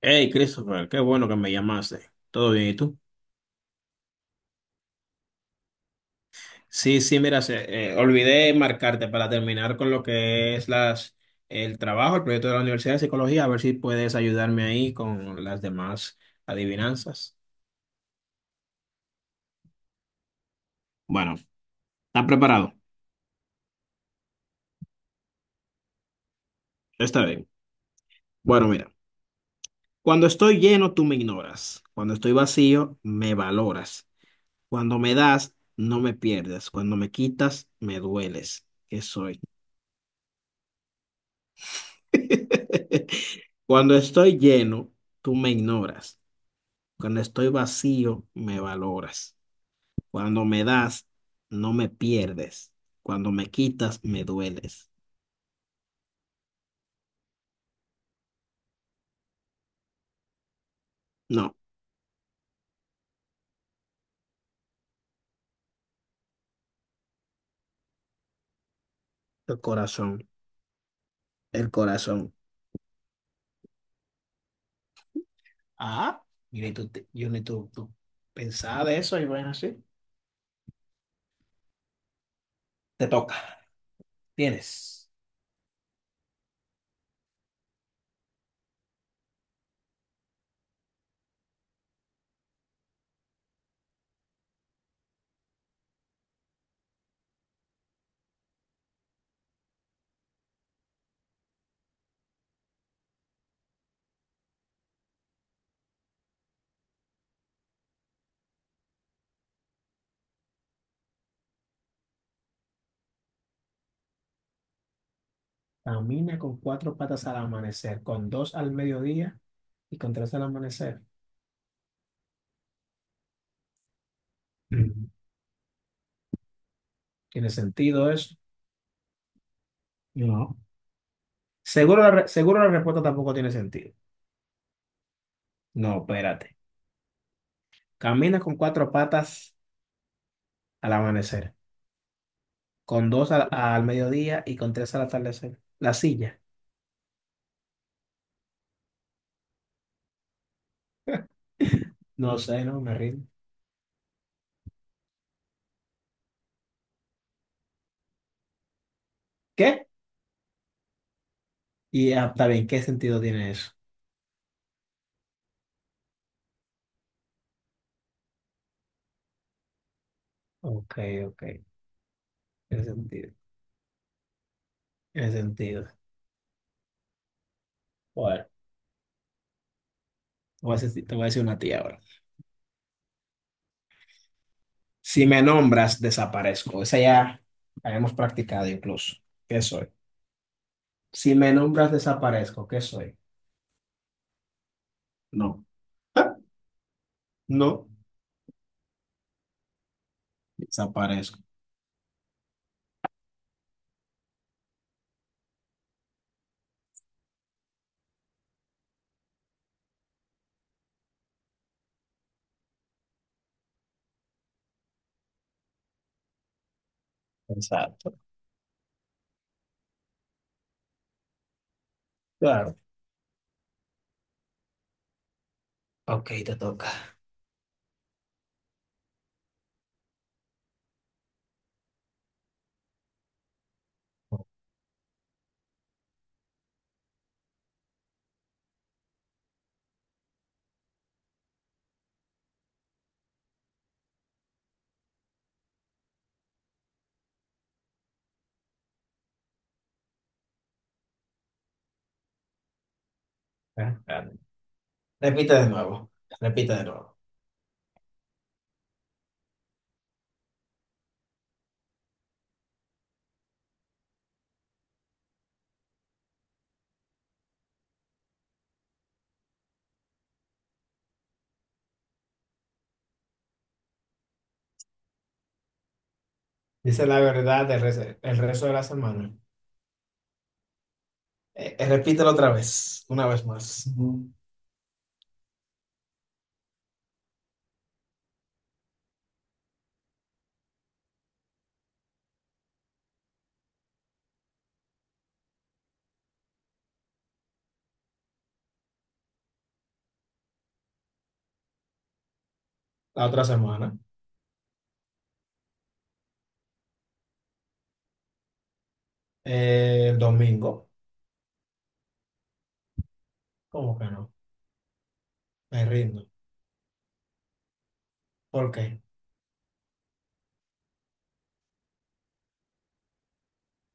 Hey, Christopher, qué bueno que me llamaste. ¿Todo bien? ¿Y tú? Sí, sí, mira, olvidé marcarte para terminar con lo que es las, el trabajo, el proyecto de la Universidad de Psicología, a ver si puedes ayudarme ahí con las demás adivinanzas. Bueno, ¿estás preparado? Está bien. Bueno, mira, cuando estoy lleno, tú me ignoras. Cuando estoy vacío, me valoras. Cuando me das, no me pierdes. Cuando me quitas, me dueles. ¿Qué soy? Cuando estoy lleno, tú me ignoras. Cuando estoy vacío, me valoras. Cuando me das, no me pierdes. Cuando me quitas, me dueles. No, el corazón, el corazón. Ah, yo ni tú, tú pensaba de eso y bueno, así. Te toca. Tienes. Camina con cuatro patas al amanecer, con dos al mediodía y con tres al amanecer. Mm. ¿Tiene sentido eso? No. Seguro la respuesta tampoco tiene sentido. No, espérate. Camina con cuatro patas al amanecer, con dos al mediodía y con tres al atardecer. La silla. No sé, no me rindo. ¿Qué? Y ah, está bien, ¿qué sentido tiene eso? Ok, ok. Tiene sentido. Tiene sentido. Bueno, te voy a decir, te voy a decir una tía ahora. Si me nombras, desaparezco. Esa ya la hemos practicado incluso. ¿Qué soy? Si me nombras, desaparezco. ¿Qué soy? No. No, desaparezco. Exacto. Claro. Ok, te toca. Ah, claro. Repite de nuevo. Repite de nuevo. Dice la verdad el rezo de la semana. Repítelo otra vez, una vez más. Mm. La otra semana. El domingo. ¿Cómo que no? Me rindo. ¿Por qué?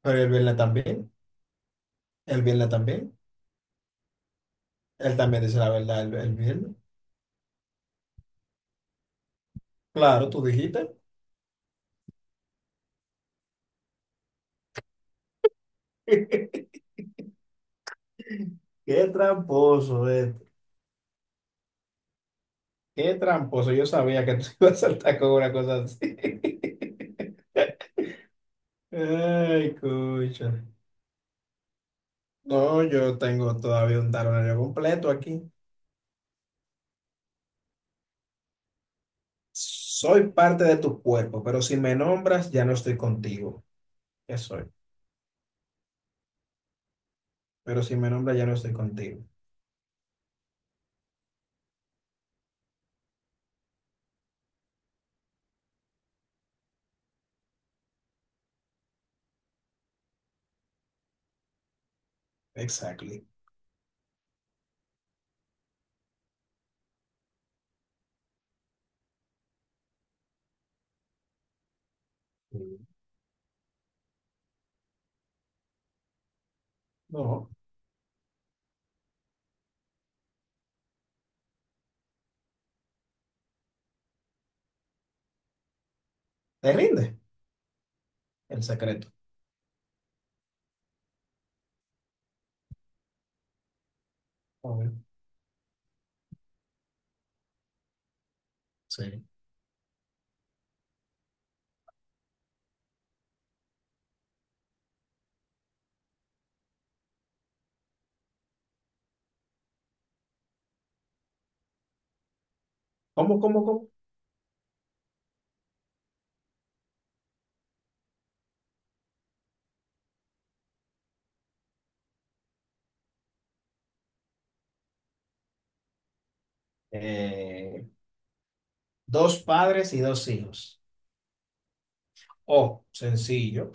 Pero el viernes también. El viernes también. Él también dice la verdad el viernes. Claro, tú dijiste. Qué tramposo, este. Qué tramposo. Yo sabía que tú ibas a saltar con una cosa así. Ay, escucha. No, yo tengo todavía un talonario completo aquí. Soy parte de tu cuerpo, pero si me nombras, ya no estoy contigo. ¿Qué soy? Pero si me nombras, ya no estoy contigo. Exactly. No, te rinde el secreto. A ver. Sí. ¿Cómo, cómo, cómo? Eh, dos padres y dos hijos. O, sencillo,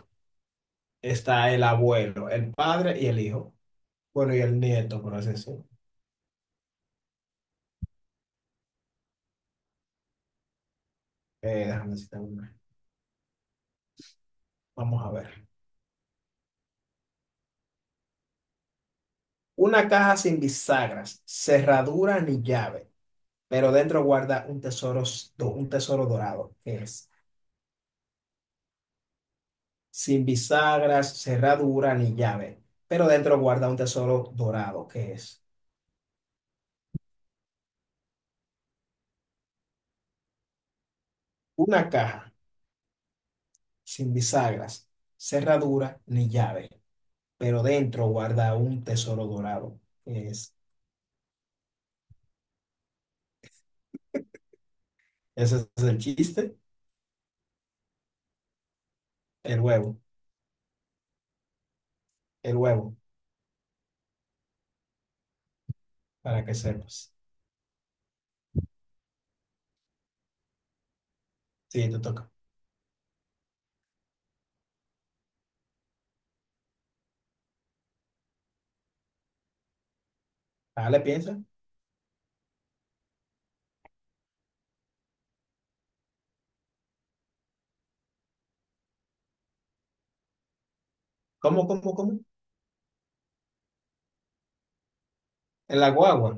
está el abuelo, el padre y el hijo. Bueno, y el nieto, por así decirlo. Déjame decirte una. Vamos a ver. Una caja sin bisagras, cerradura ni llave, pero dentro guarda un tesoro, un tesoro dorado, que es sin bisagras, cerradura ni llave, pero dentro guarda un tesoro dorado, que es una caja sin bisagras, cerradura ni llave, pero dentro guarda un tesoro dorado. Es, ese es el chiste, el huevo, el huevo, para que sepas. Sí, te toca. Dale, piensa. ¿Cómo, cómo, cómo? En la guagua.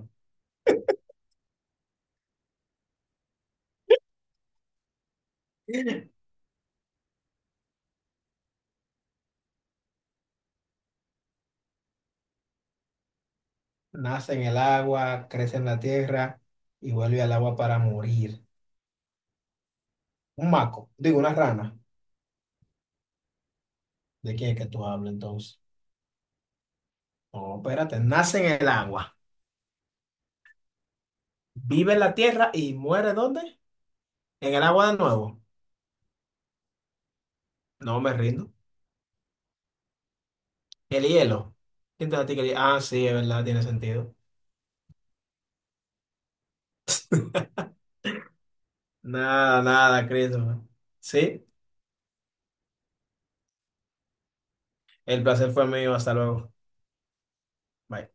Nace en el agua, crece en la tierra y vuelve al agua para morir. Un maco, digo, una rana. ¿De quién es que tú hablas entonces? No, espérate, nace en el agua, vive en la tierra y muere ¿dónde? En el agua de nuevo. No me rindo. El hielo. ¿Quién te platica el hielo? Ah, sí, es verdad, tiene sentido. Nada, nada, Christopher. Sí, el placer fue mío. Hasta luego. Bye.